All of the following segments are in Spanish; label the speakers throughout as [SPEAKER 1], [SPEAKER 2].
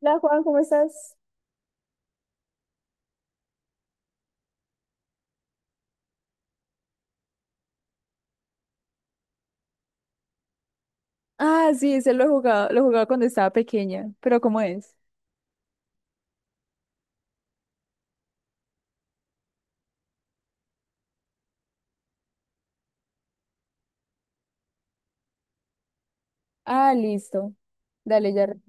[SPEAKER 1] Hola Juan, ¿cómo estás? Ah, sí, ese lo he jugado, lo jugaba cuando estaba pequeña, pero ¿cómo es? Ah, listo. Dale, ya.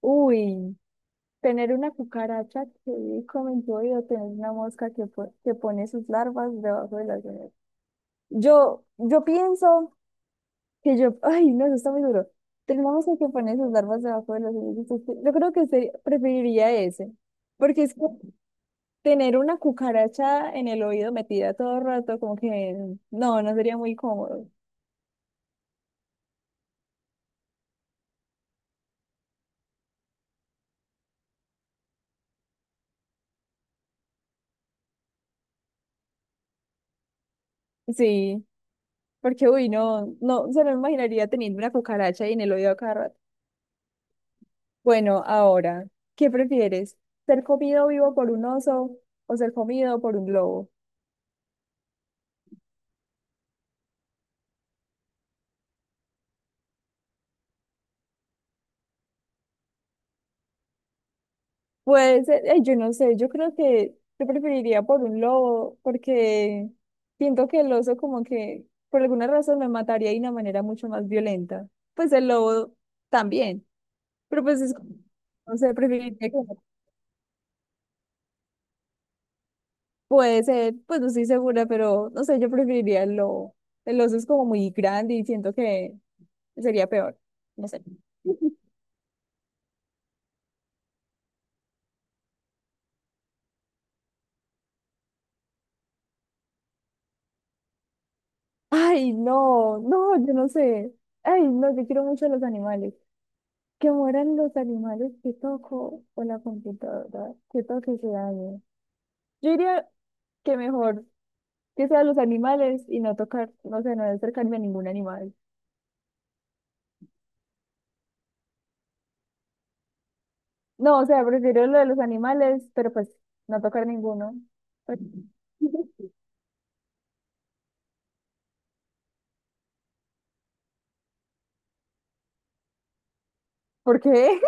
[SPEAKER 1] Uy, tener una cucaracha que come en tu oído, tener una mosca que, que pone sus larvas debajo de las uñas. Yo pienso que yo, ay, no, eso está muy duro. Tener una mosca que pone sus larvas debajo de las uñas. Yo creo que preferiría ese, porque es que tener una cucaracha en el oído metida todo el rato, como que no, no sería muy cómodo. Sí, porque uy, no, no, se me imaginaría teniendo una cucaracha ahí en el oído a cada rato. Bueno, ahora, ¿qué prefieres? ¿Ser comido vivo por un oso o ser comido por un lobo? Pues, ay, yo no sé, yo creo que yo preferiría por un lobo, porque siento que el oso como que por alguna razón me mataría de una manera mucho más violenta. Pues el lobo también, pero pues es, no sé, preferiría que puede ser, pues no estoy segura, pero no sé, yo preferiría el lobo. El oso es como muy grande y siento que sería peor. No sé. Ay, no, no, yo no sé. Ay, no, yo quiero mucho a los animales. Que mueran los animales que toco o la computadora que toque se dañe. Yo diría que mejor que sean los animales y no tocar, no sé, no acercarme a ningún animal. No, o sea, prefiero lo de los animales, pero pues no tocar ninguno. ¿Por ¿por qué?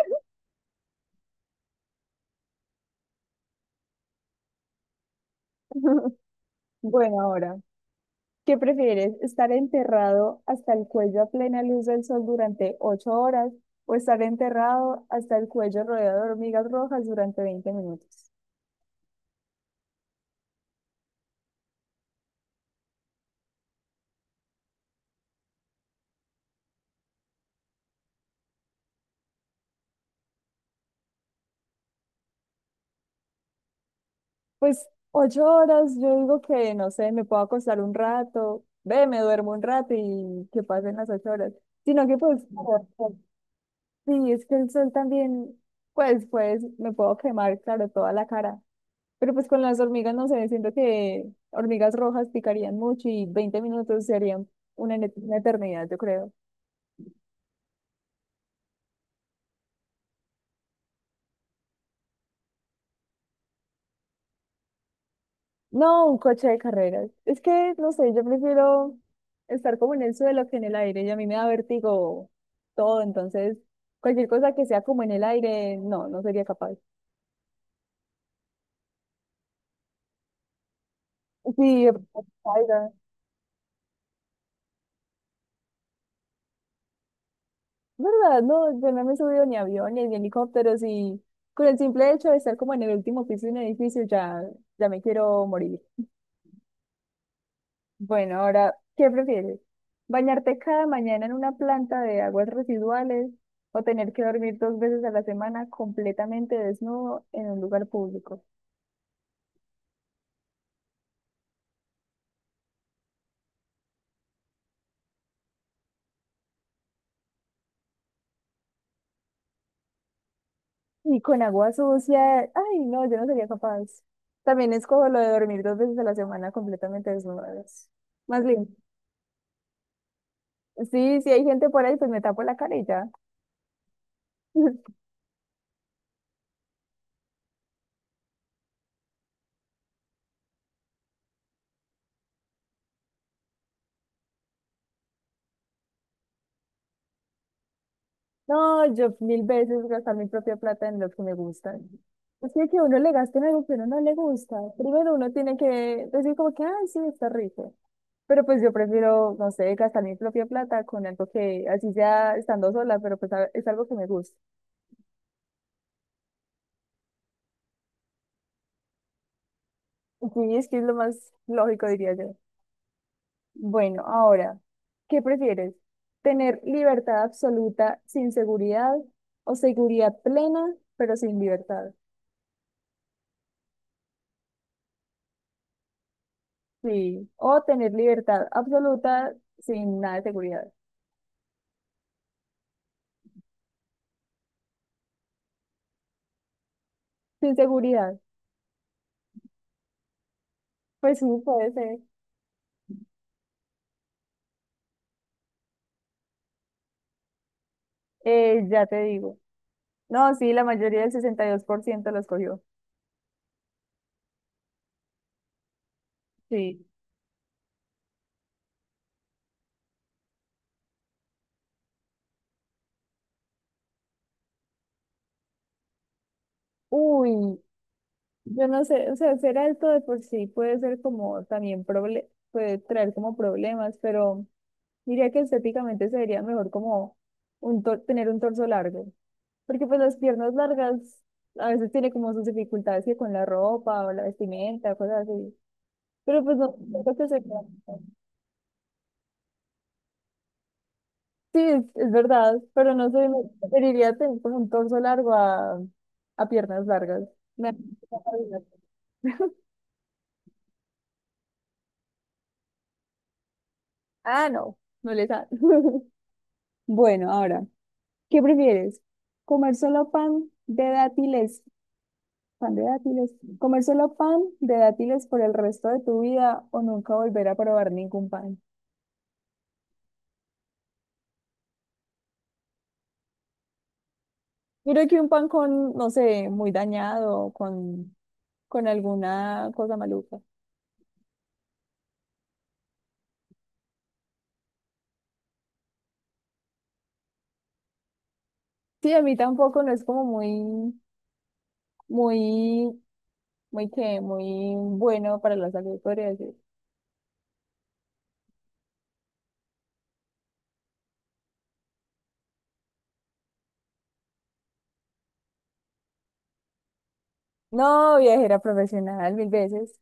[SPEAKER 1] Bueno, ahora, ¿qué prefieres? ¿Estar enterrado hasta el cuello a plena luz del sol durante 8 horas o estar enterrado hasta el cuello rodeado de hormigas rojas durante 20 minutos? Pues ocho horas, yo digo que, no sé, me puedo acostar un rato, ve, me duermo un rato y que pasen las 8 horas. Sino que pues, sí, es que el sol también, pues, pues, me puedo quemar, claro, toda la cara. Pero pues con las hormigas, no sé, siento que hormigas rojas picarían mucho y 20 minutos serían una, una eternidad, yo creo. No, un coche de carreras. Es que, no sé, yo prefiero estar como en el suelo que en el aire y a mí me da vértigo todo, entonces cualquier cosa que sea como en el aire, no, no sería capaz. Sí, de pronto caiga. ¿Verdad? No, yo no me he subido ni a aviones ni a helicópteros y con el simple hecho de estar como en el último piso de un edificio ya, ya me quiero morir. Bueno, ahora, ¿qué prefieres? ¿Bañarte cada mañana en una planta de aguas residuales o tener que dormir dos veces a la semana completamente desnudo en un lugar público y con agua sucia? Ay, no, yo no sería capaz. También escojo lo de dormir dos veces a la semana completamente desnudo. Más bien, sí, si hay gente por ahí, pues me tapo la cara y ya. No, yo mil veces gastar mi propia plata en lo que me gusta. Es que uno le gaste en algo que uno no le gusta. Primero uno tiene que decir como que, ay, sí, está rico. Pero pues yo prefiero, no sé, gastar mi propia plata con algo que, así sea estando sola, pero pues es algo que me gusta. Sí, es que es lo más lógico, diría yo. Bueno, ahora, ¿qué prefieres? ¿Tener libertad absoluta sin seguridad o seguridad plena, pero sin libertad? Sí, o tener libertad absoluta sin nada de seguridad. Sin seguridad, pues sí, puede ser. Ya te digo. No, sí, la mayoría del 62% lo escogió. Sí. Uy, yo no sé, o sea, ser alto de por sí puede ser como también proble puede traer como problemas, pero diría que estéticamente sería mejor como tener un torso largo, porque pues las piernas largas a veces tiene como sus dificultades que con la ropa o la vestimenta, cosas así. Pero pues no, no creo que se sí, es verdad, pero no sé, preferiría tener pues, un torso largo a piernas largas. Da mucha cabida. Ah, no, no les da. Bueno, ahora, ¿qué prefieres? ¿Comer solo pan de dátiles? ¿Pan de dátiles? ¿Comer solo pan de dátiles por el resto de tu vida o nunca volver a probar ningún pan? Mira que un pan con, no sé, muy dañado, con alguna cosa maluca. Sí, a mí tampoco no es como muy, muy, muy que, muy bueno para la salud, podría decir. No, viajera profesional, mil veces.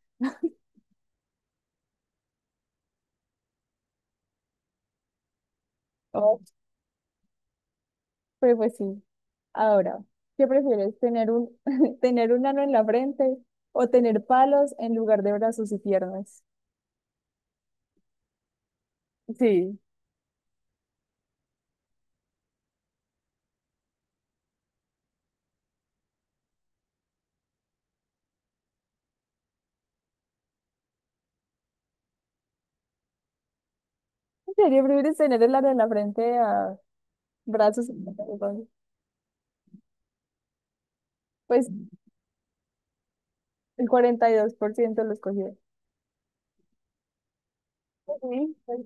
[SPEAKER 1] Oh. Pero pues sí. Ahora, ¿qué prefieres? ¿Tener un, tener un ano en la frente o tener palos en lugar de brazos y piernas? Sí. ¿En serio prefieres tener el ano en la frente a brazos y piernas? Pues el 42% lo escogió. Ok, pues,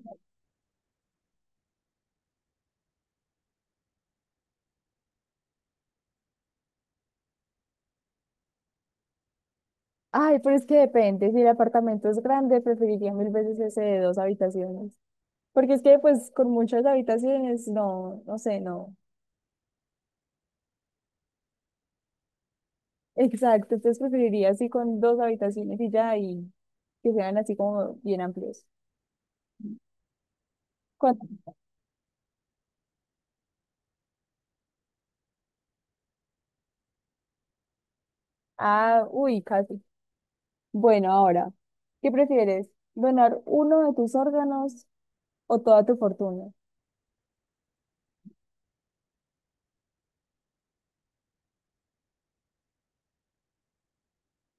[SPEAKER 1] ay, pero es que depende. Si el apartamento es grande, preferiría mil veces ese de dos habitaciones. Porque es que, pues, con muchas habitaciones, no, no sé, no. Exacto, entonces preferiría así con dos habitaciones y ya, y que sean así como bien amplios. ¿Cuánto? Ah, uy, casi. Bueno, ahora, ¿qué prefieres? ¿Donar uno de tus órganos o toda tu fortuna?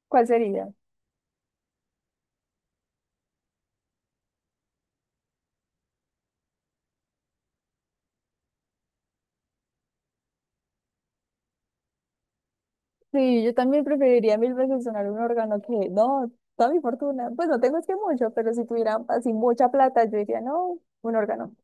[SPEAKER 1] ¿Cuál sería? Sí, yo también preferiría mil veces donar un órgano que, no, toda mi fortuna. Pues no tengo es que mucho, pero si tuviera así mucha plata, yo diría, no, un órgano.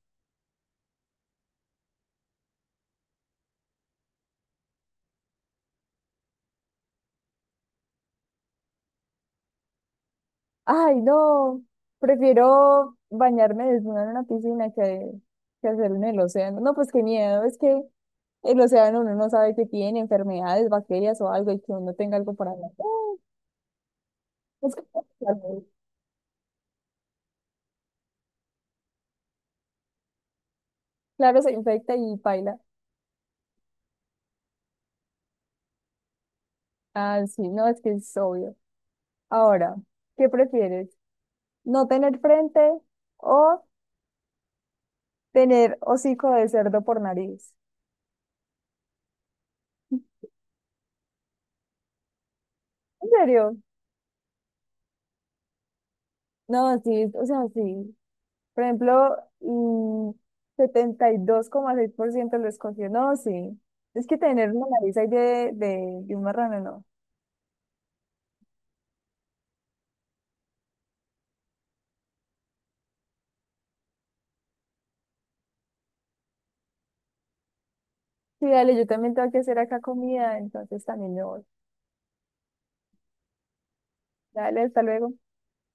[SPEAKER 1] Ay, no, prefiero bañarme desnuda en una piscina que hacerlo en el océano. No, pues qué miedo, es que el océano uno no sabe que tiene enfermedades, bacterias o algo y que uno tenga algo por ahí. No, es que- claro, claro, se infecta y paila. Ah, sí, no, es que es obvio. Ahora, ¿qué prefieres? ¿No tener frente o tener hocico de cerdo por nariz? ¿En serio? No, sí, o sea, sí. Por ejemplo, mm, 72,6% lo escogió. No, sí. Es que tener una nariz ahí de un marrano, no. Sí, dale, yo también tengo que hacer acá comida, entonces también me voy. Dale, hasta luego.